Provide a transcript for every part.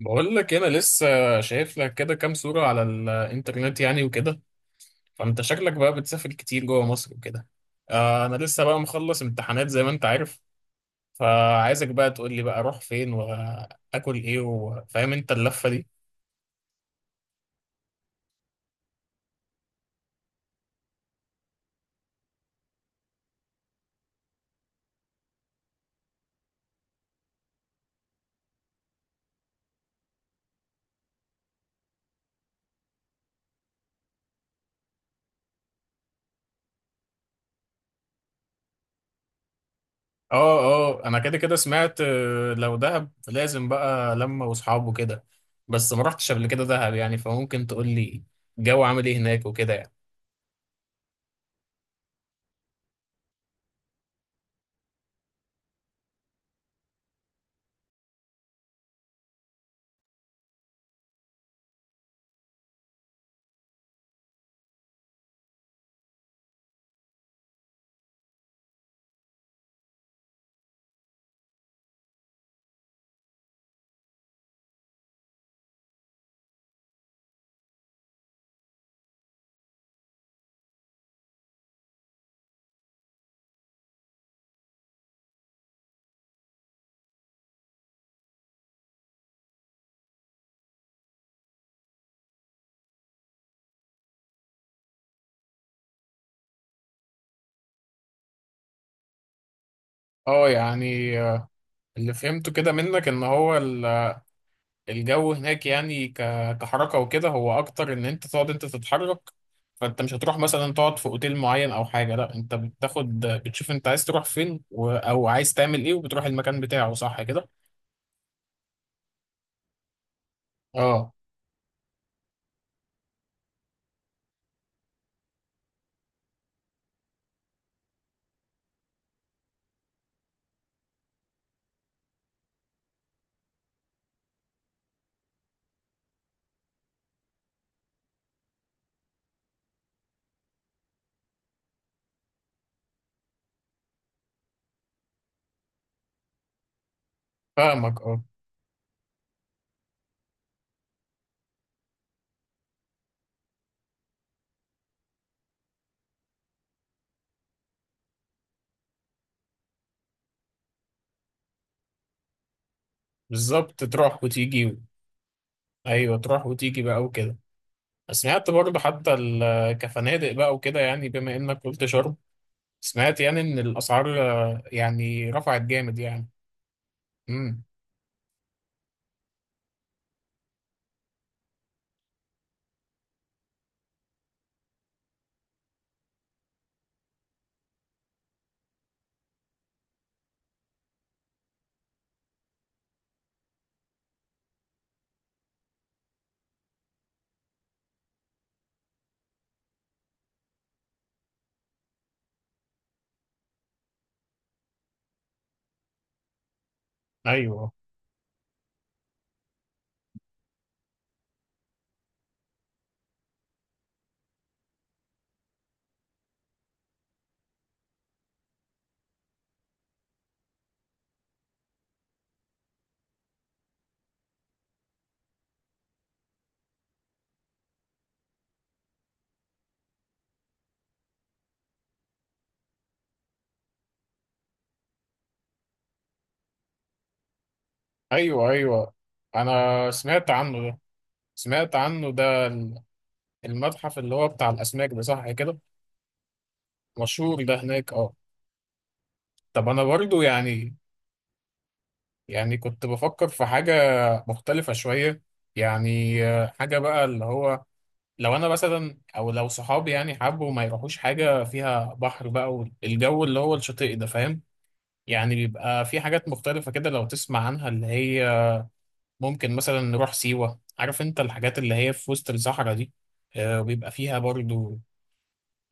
بقول لك انا لسه شايف لك كده كام صورة على الانترنت يعني وكده. فانت شكلك بقى بتسافر كتير جوه مصر وكده. آه، انا لسه بقى مخلص امتحانات زي ما انت عارف. فعايزك بقى تقول لي بقى اروح فين واكل ايه، وفاهم انت اللفة دي. اه اه، انا كده كده سمعت. لو دهب لازم بقى لما واصحابه كده، بس ما رحتش قبل كده دهب يعني، فممكن تقول لي الجو عامل ايه هناك وكده يعني. اه يعني، اللي فهمته كده منك ان هو الجو هناك يعني كحركة وكده، هو أكتر إن أنت تقعد أنت تتحرك. فأنت مش هتروح مثلا تقعد في أوتيل معين أو حاجة، لأ، أنت بتاخد بتشوف أنت عايز تروح فين أو عايز تعمل إيه وبتروح المكان بتاعه، صح كده؟ أه. فاهمك، أه. بالظبط، تروح وتيجي. أيوه، تروح وتيجي بقى وكده. سمعت برضه حتى كفنادق بقى وكده يعني، بما إنك قلت شرم، سمعت يعني إن الأسعار، يعني رفعت جامد يعني. امم. أيوه، ايوه، ايوه، انا سمعت عنه ده. سمعت عنه ده، المتحف اللي هو بتاع الاسماك ده، صح كده؟ مشهور ده هناك، اه. طب انا برضو يعني، يعني كنت بفكر في حاجه مختلفه شويه. يعني حاجه بقى، اللي هو لو انا مثلا او لو صحابي يعني حبوا ما يروحوش حاجه فيها بحر بقى، والجو اللي هو الشاطئ ده، فاهم؟ يعني بيبقى في حاجات مختلفه كده لو تسمع عنها، اللي هي ممكن مثلا نروح سيوة، عارف انت الحاجات اللي هي في وسط الصحراء دي. وبيبقى فيها برضو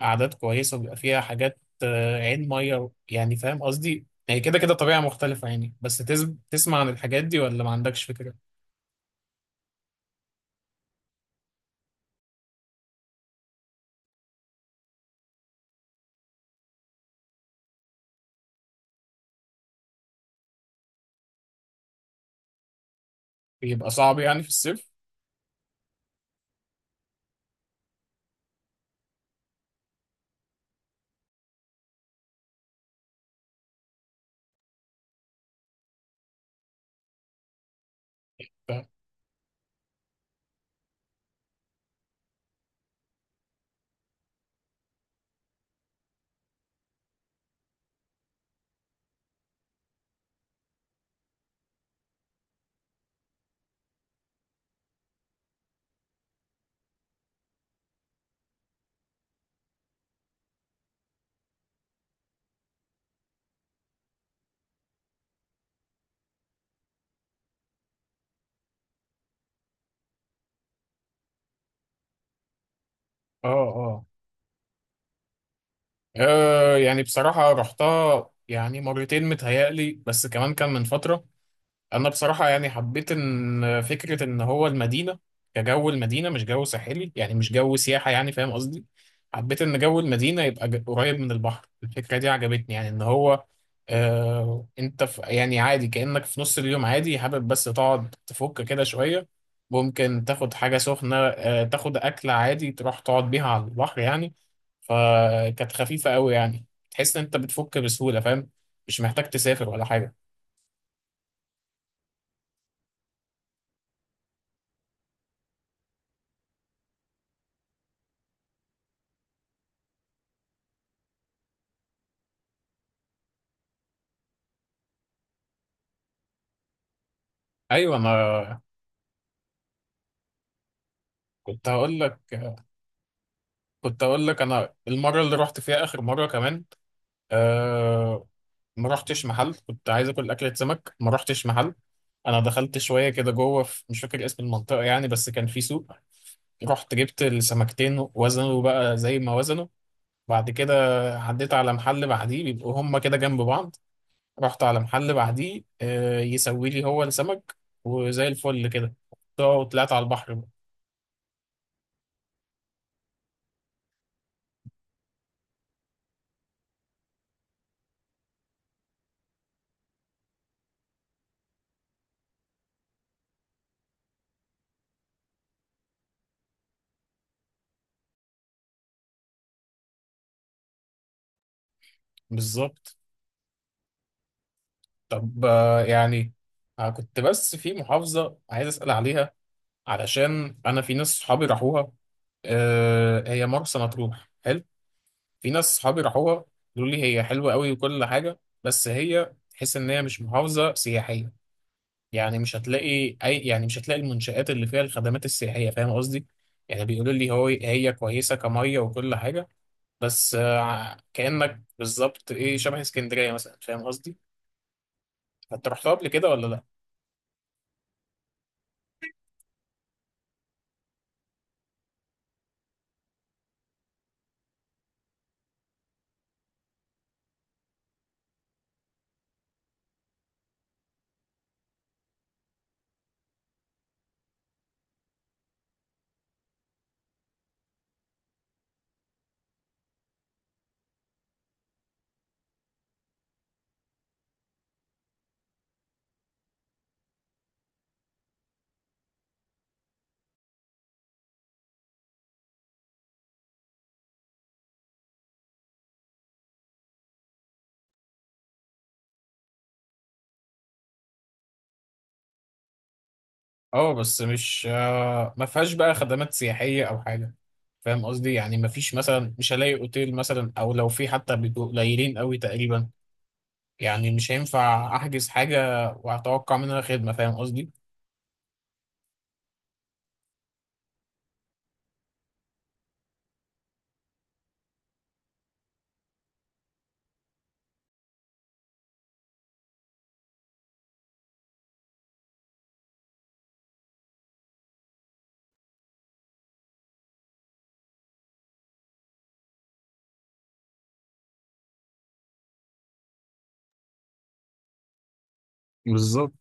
أعداد كويسة، وبيبقى فيها حاجات، عين مية يعني، فاهم قصدي، هي كده كده طبيعة مختلفة يعني. بس تسمع عن الحاجات دي، ولا ما عندكش فكرة؟ بيبقى صعب يعني في الصيف. اه. اه، يعني بصراحة رحتها يعني مرتين متهيألي، بس كمان كان من فترة. انا بصراحه يعني حبيت ان فكره ان هو المدينه كجو المدينه، مش جو ساحلي يعني، مش جو سياحه يعني، فاهم قصدي؟ حبيت ان جو المدينه يبقى قريب من البحر، الفكره دي عجبتني يعني، ان هو انت في يعني عادي كانك في نص اليوم عادي، حابب بس تقعد تفك كده شويه، ممكن تاخد حاجه سخنه، تاخد اكله عادي تروح تقعد بيها على البحر يعني. فكانت خفيفه قوي يعني، تحس ان انت بتفك بسهوله، فاهم، مش محتاج تسافر ولا حاجه. ايوه. انا كنت هقول لك، انا المره اللي رحت فيها اخر مره كمان، آه ما رحتش محل كنت عايز اكل اكله سمك، ما رحتش محل. انا دخلت شويه كده جوه في، مش فاكر اسم المنطقه يعني، بس كان في سوق، رحت جبت السمكتين وزنوا بقى زي ما وزنوا، بعد كده عديت على محل بعديه، بيبقوا هما كده جنب بعض، رحت على محل بعديه، يسوي لي هو السمك، وزي الفل كده طلعت على البحر. بالظبط. طب، يعني، كنت بس في محافظة عايز أسأل عليها، علشان أنا في ناس صحابي راحوها، هي مرسى مطروح حلو، في ناس صحابي راحوها، قالوا لي هي حلوة قوي وكل حاجة، بس هي تحس إن هي مش محافظة سياحية. يعني مش هتلاقي أي يعني مش هتلاقي المنشآت اللي فيها الخدمات السياحية، فاهم قصدي؟ يعني بيقولوا لي هو هي كويسة كمية وكل حاجة، بس كأنك بالظبط إيه، شبه اسكندرية مثلا، فاهم قصدي؟ أنت رحتها قبل كده ولا لأ؟ اه، بس مش آه، ما فيهاش بقى خدمات سياحية او حاجة، فاهم قصدي، يعني ما فيش مثلا، مش هلاقي اوتيل مثلا، او لو في حتى بيبقوا قليلين قوي تقريبا، يعني مش هينفع احجز حاجة واتوقع منها خدمة، فاهم قصدي. بالظبط.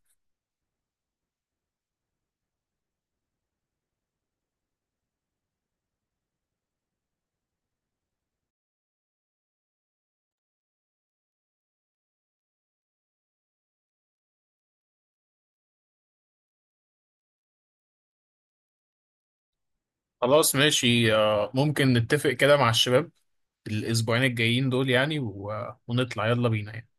خلاص ماشي، ممكن نتفق كده مع الشباب الاسبوعين الجايين دول يعني، ونطلع يلا بينا يعني.